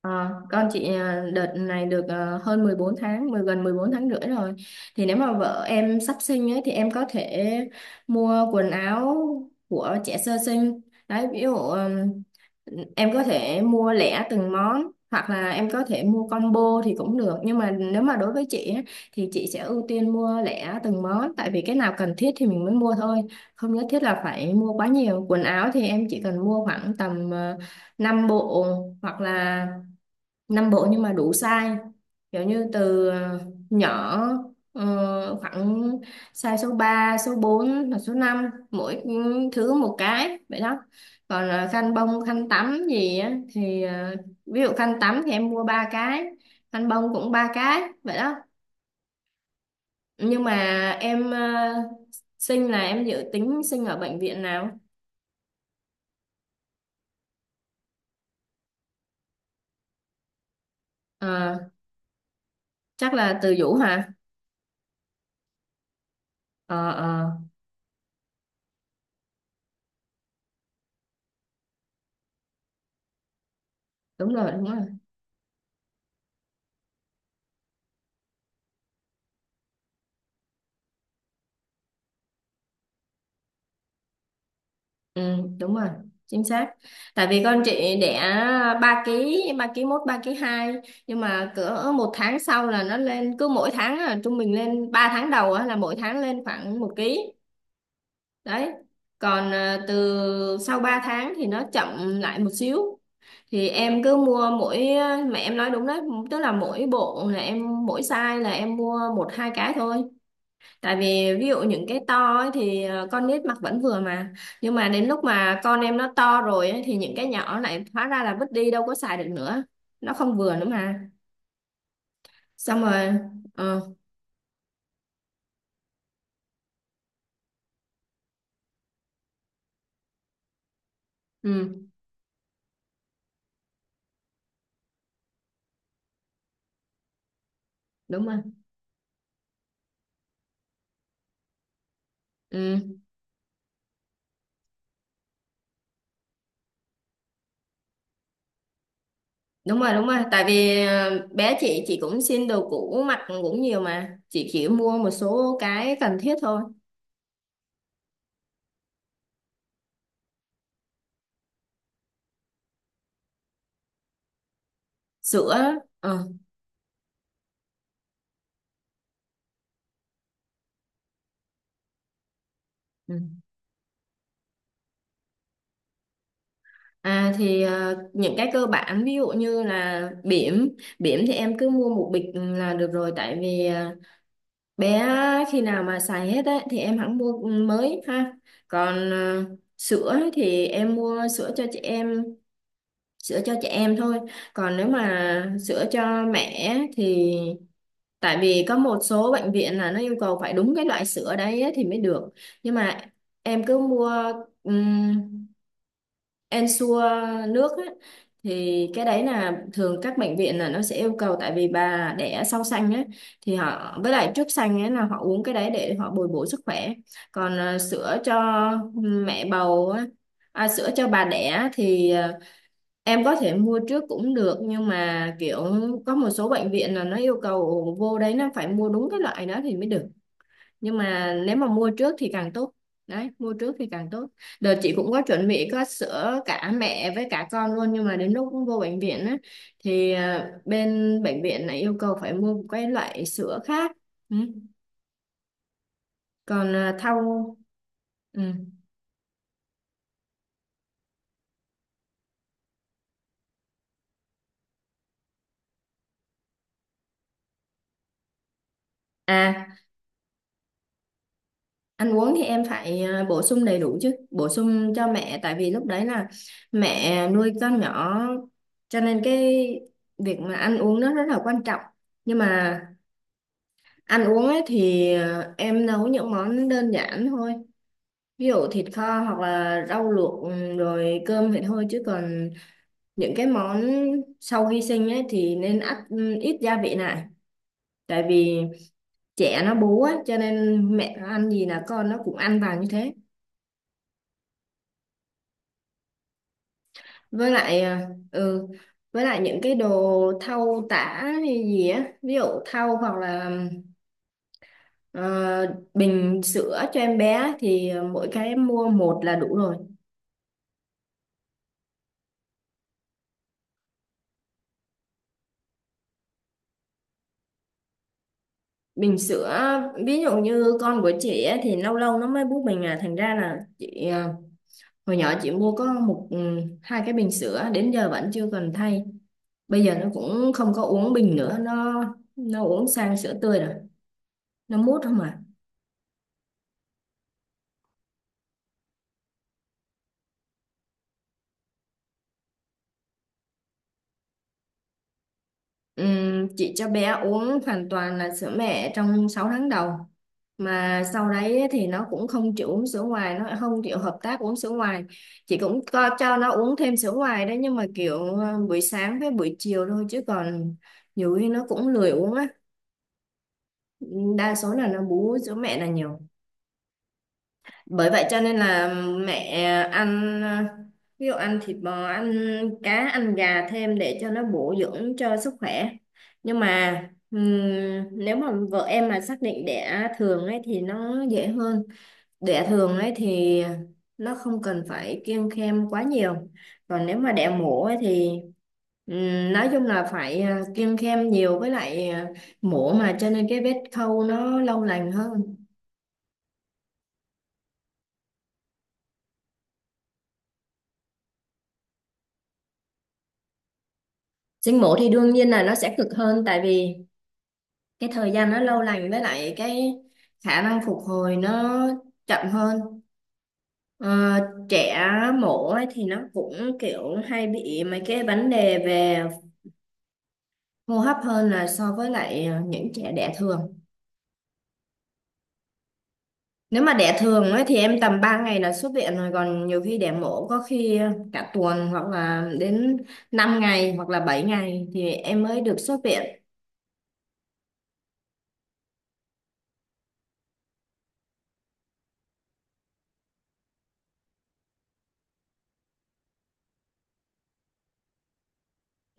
Ờ, con chị à, đợt này được hơn 14 tháng, gần 14 tháng rưỡi rồi. Thì nếu mà vợ em sắp sinh ấy, thì em có thể mua quần áo của trẻ sơ sinh. Đấy, ví dụ em có thể mua lẻ từng món hoặc là em có thể mua combo thì cũng được. Nhưng mà nếu mà đối với chị ấy, thì chị sẽ ưu tiên mua lẻ từng món, tại vì cái nào cần thiết thì mình mới mua thôi. Không nhất thiết là phải mua quá nhiều. Quần áo thì em chỉ cần mua khoảng tầm 5 bộ hoặc là năm bộ, nhưng mà đủ size, kiểu như từ nhỏ, khoảng size số 3, số 4 hoặc số năm, mỗi thứ một cái vậy đó. Còn khăn bông khăn tắm gì á thì ví dụ khăn tắm thì em mua 3 cái, khăn bông cũng 3 cái vậy đó. Nhưng mà em sinh là em dự tính sinh ở bệnh viện nào? Ờ, chắc là từ Vũ hả? Ờ ờ. Đúng rồi đúng rồi. Ừ, đúng rồi, chính xác. Tại vì con chị đẻ 3 ký, 3 ký mốt, 3 ký hai, nhưng mà cỡ 1 tháng sau là nó lên, cứ mỗi tháng là trung bình lên. 3 tháng đầu á, là mỗi tháng lên khoảng 1 ký. Đấy. Còn từ sau 3 tháng thì nó chậm lại một xíu. Thì em cứ mua mỗi, mà em nói đúng đấy, tức là mỗi bộ là em, mỗi size là em mua một hai cái thôi. Tại vì ví dụ những cái to ấy thì con nít mặc vẫn vừa mà. Nhưng mà đến lúc mà con em nó to rồi ấy, thì những cái nhỏ lại hóa ra là vứt đi, đâu có xài được nữa, nó không vừa nữa mà. Xong rồi. ờ, ừ, Đúng rồi. ừ, Đúng rồi đúng rồi. Tại vì bé chị cũng xin đồ cũ mặc cũng nhiều mà. Chị chỉ mua một số cái cần thiết thôi. Sữa. ờ, ừ. À thì những cái cơ bản, ví dụ như là bỉm. Bỉm thì em cứ mua một bịch là được rồi, tại vì bé á, khi nào mà xài hết ấy, thì em hẳn mua mới ha. Còn sữa ấy thì em mua sữa cho chị em thôi. Còn nếu mà sữa cho mẹ ấy, thì tại vì có một số bệnh viện là nó yêu cầu phải đúng cái loại sữa đấy ấy thì mới được, nhưng mà em cứ mua Ensure nước á, thì cái đấy là thường các bệnh viện là nó sẽ yêu cầu. Tại vì bà đẻ sau sanh á, thì họ, với lại trước sanh ấy là họ uống cái đấy để họ bồi bổ sức khỏe. Còn sữa cho mẹ bầu á, à, sữa cho bà đẻ thì em có thể mua trước cũng được, nhưng mà kiểu có một số bệnh viện là nó yêu cầu vô đấy nó phải mua đúng cái loại đó thì mới được. Nhưng mà nếu mà mua trước thì càng tốt. Đấy, mua trước thì càng tốt. Đợt chị cũng có chuẩn bị có sữa cả mẹ với cả con luôn, nhưng mà đến lúc vô bệnh viện á thì bên bệnh viện này yêu cầu phải mua một cái loại sữa khác. Ừ. Còn thau. Ừ. À, ăn uống thì em phải bổ sung đầy đủ chứ, bổ sung cho mẹ, tại vì lúc đấy là mẹ nuôi con nhỏ, cho nên cái việc mà ăn uống nó rất là quan trọng. Nhưng mà ăn uống ấy thì em nấu những món đơn giản thôi. Ví dụ thịt kho hoặc là rau luộc, rồi cơm vậy thôi, chứ còn những cái món sau khi sinh ấy thì nên ăn ít gia vị lại. Tại vì trẻ nó bú ấy, cho nên mẹ nó ăn gì là con nó cũng ăn vào như thế. Với lại ừ với lại những cái đồ thau tả hay gì á, ví dụ thau hoặc là ờ, bình sữa cho em bé thì mỗi cái em mua một là đủ rồi. Bình sữa, ví dụ như con của chị á, thì lâu lâu nó mới bú bình à, thành ra là chị hồi nhỏ chị mua có một, hai cái bình sữa đến giờ vẫn chưa cần thay. Bây giờ nó cũng không có uống bình nữa, nó uống sang sữa tươi rồi, nó mút không à. Chị cho bé uống hoàn toàn là sữa mẹ trong 6 tháng đầu, mà sau đấy thì nó cũng không chịu uống sữa ngoài, nó không chịu hợp tác uống sữa ngoài. Chị cũng co cho nó uống thêm sữa ngoài đấy, nhưng mà kiểu buổi sáng với buổi chiều thôi, chứ còn nhiều khi nó cũng lười uống á. Đa số là nó bú sữa mẹ là nhiều, bởi vậy cho nên là mẹ ăn ví dụ ăn thịt bò, ăn cá, ăn gà thêm để cho nó bổ dưỡng cho sức khỏe. Nhưng mà ừm, nếu mà vợ em mà xác định đẻ thường ấy thì nó dễ hơn. Đẻ thường ấy thì nó không cần phải kiêng khem quá nhiều. Còn nếu mà đẻ mổ ấy thì nói chung là phải kiêng khem nhiều, với lại mổ mà, cho nên cái vết khâu nó lâu lành hơn. Sinh mổ thì đương nhiên là nó sẽ cực hơn, tại vì cái thời gian nó lâu lành, với lại cái khả năng phục hồi nó chậm hơn. Ờ, trẻ mổ ấy thì nó cũng kiểu hay bị mấy cái vấn đề về hô hấp hơn là so với lại những trẻ đẻ thường. Nếu mà đẻ thường ấy thì em tầm 3 ngày là xuất viện rồi, còn nhiều khi đẻ mổ có khi cả tuần, hoặc là đến 5 ngày hoặc là 7 ngày thì em mới được xuất viện.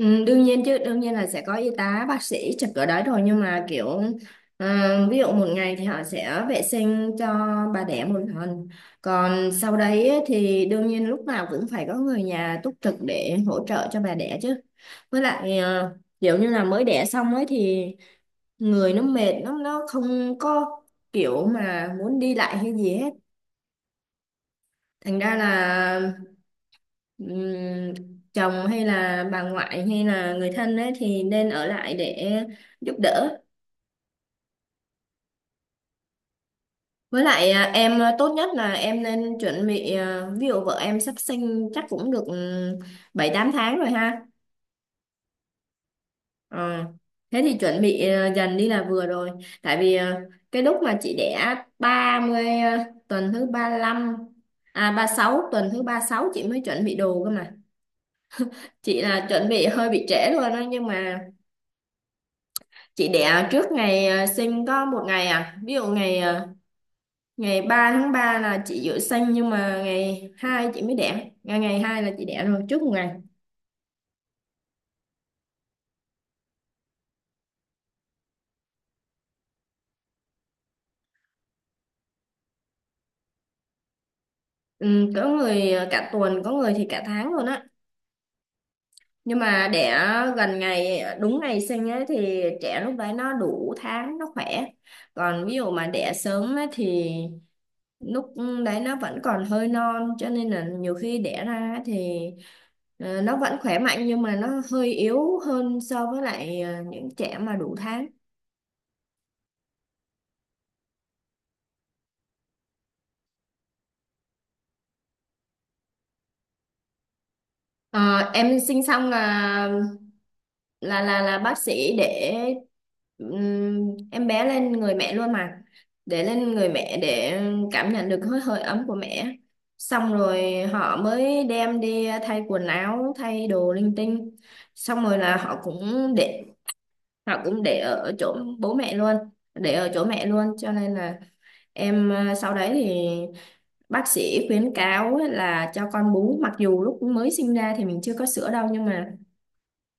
Ừ, đương nhiên chứ, đương nhiên là sẽ có y tá bác sĩ trực ở đấy rồi, nhưng mà kiểu ờ, ví dụ 1 ngày thì họ sẽ vệ sinh cho bà đẻ 1 lần. Còn sau đấy ấy thì đương nhiên lúc nào cũng phải có người nhà túc trực để hỗ trợ cho bà đẻ chứ. Với lại kiểu như là mới đẻ xong ấy thì người nó mệt, nó không có kiểu mà muốn đi lại hay gì hết, thành ra là Ừm, chồng hay là bà ngoại hay là người thân ấy thì nên ở lại để giúp đỡ. Với lại em tốt nhất là em nên chuẩn bị, ví dụ vợ em sắp sinh chắc cũng được 7 8 tháng rồi ha. Ờ, thế thì chuẩn bị dần đi là vừa rồi. Tại vì cái lúc mà chị đẻ 30 tuần thứ 35, à, 36, tuần thứ 36 chị mới chuẩn bị đồ cơ mà. Chị là chuẩn bị hơi bị trễ luôn đó, nhưng mà chị đẻ trước ngày sinh có 1 ngày à. Ví dụ ngày ngày 3 tháng 3 là chị dự sinh, nhưng mà ngày 2 chị mới đẻ. Ngày ngày 2 là chị đẻ rồi, trước 1 ngày. Ừ, có người cả tuần, có người thì cả tháng luôn á. Nhưng mà đẻ gần ngày, đúng ngày sinh ấy thì trẻ lúc đấy nó đủ tháng, nó khỏe. Còn ví dụ mà đẻ sớm ấy thì lúc đấy nó vẫn còn hơi non, cho nên là nhiều khi đẻ ra thì nó vẫn khỏe mạnh nhưng mà nó hơi yếu hơn so với lại những trẻ mà đủ tháng. Ờ, em sinh xong là là bác sĩ để ừm, em bé lên người mẹ luôn mà, để lên người mẹ để cảm nhận được hơi hơi ấm của mẹ. Xong rồi họ mới đem đi thay quần áo, thay đồ linh tinh. Xong rồi là họ cũng để Thảo, cũng để ở chỗ bố mẹ luôn, để ở chỗ mẹ luôn, cho nên là em sau đấy thì bác sĩ khuyến cáo ấy là cho con bú, mặc dù lúc mới sinh ra thì mình chưa có sữa đâu, nhưng mà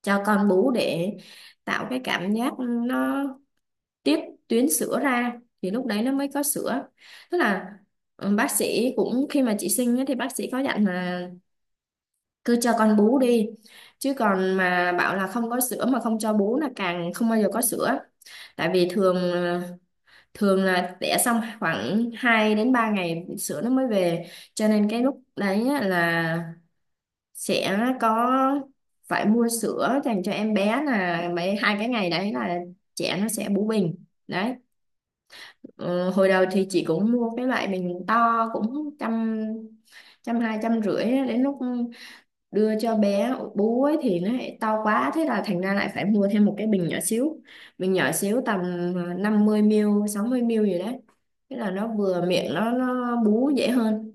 cho con bú để tạo cái cảm giác, nó tiết tuyến sữa ra, thì lúc đấy nó mới có sữa. Tức là ừ, bác sĩ cũng, khi mà chị sinh ấy, thì bác sĩ có dặn là cứ cho con bú đi, chứ còn mà bảo là không có sữa mà không cho bú là càng không bao giờ có sữa. Tại vì thường là đẻ xong khoảng 2 đến 3 ngày sữa nó mới về, cho nên cái lúc đấy á là sẽ có, phải mua sữa dành cho em bé, là mấy hai cái ngày đấy là trẻ nó sẽ bú bình. Đấy. Ờ, hồi đầu thì chị cũng mua cái loại bình to cũng trăm, trăm hai, trăm rưỡi á, đến lúc đưa cho bé bú ấy thì nó lại to quá, thế là thành ra lại phải mua thêm một cái bình nhỏ xíu. Tầm ờ, 50 ml 60 ml gì đấy, thế là nó vừa miệng, nó bú dễ hơn.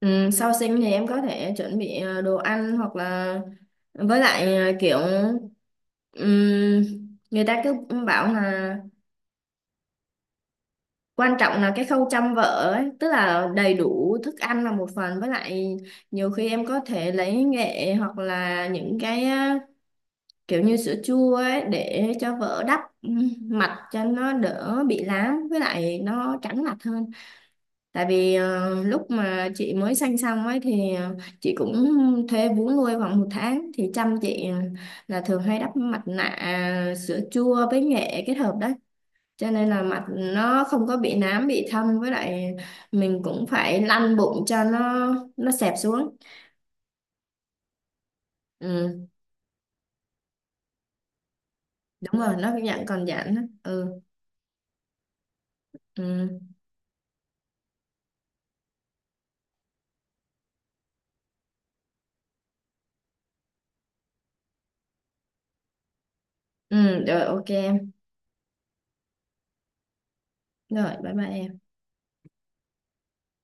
Ừ, sau sinh thì em có thể chuẩn bị đồ ăn hoặc là, với lại kiểu ừm, người ta cứ bảo là quan trọng là cái khâu chăm vợ ấy, tức là đầy đủ thức ăn là một phần, với lại nhiều khi em có thể lấy nghệ hoặc là những cái kiểu như sữa chua ấy để cho vỡ đắp mặt, cho nó đỡ bị lám, với lại nó trắng mặt hơn. Tại vì lúc mà chị mới sanh xong ấy thì chị cũng thuê vú nuôi khoảng 1 tháng thì chăm chị, là thường hay đắp mặt nạ sữa chua với nghệ kết hợp đấy, cho nên là mặt nó không có bị nám bị thâm. Với lại mình cũng phải lăn bụng cho nó xẹp xuống. Ừ, đúng rồi, nó cũng dạng còn giãn đó. Ừ. Ừ. Ừ rồi ok. Rồi, bye bye em.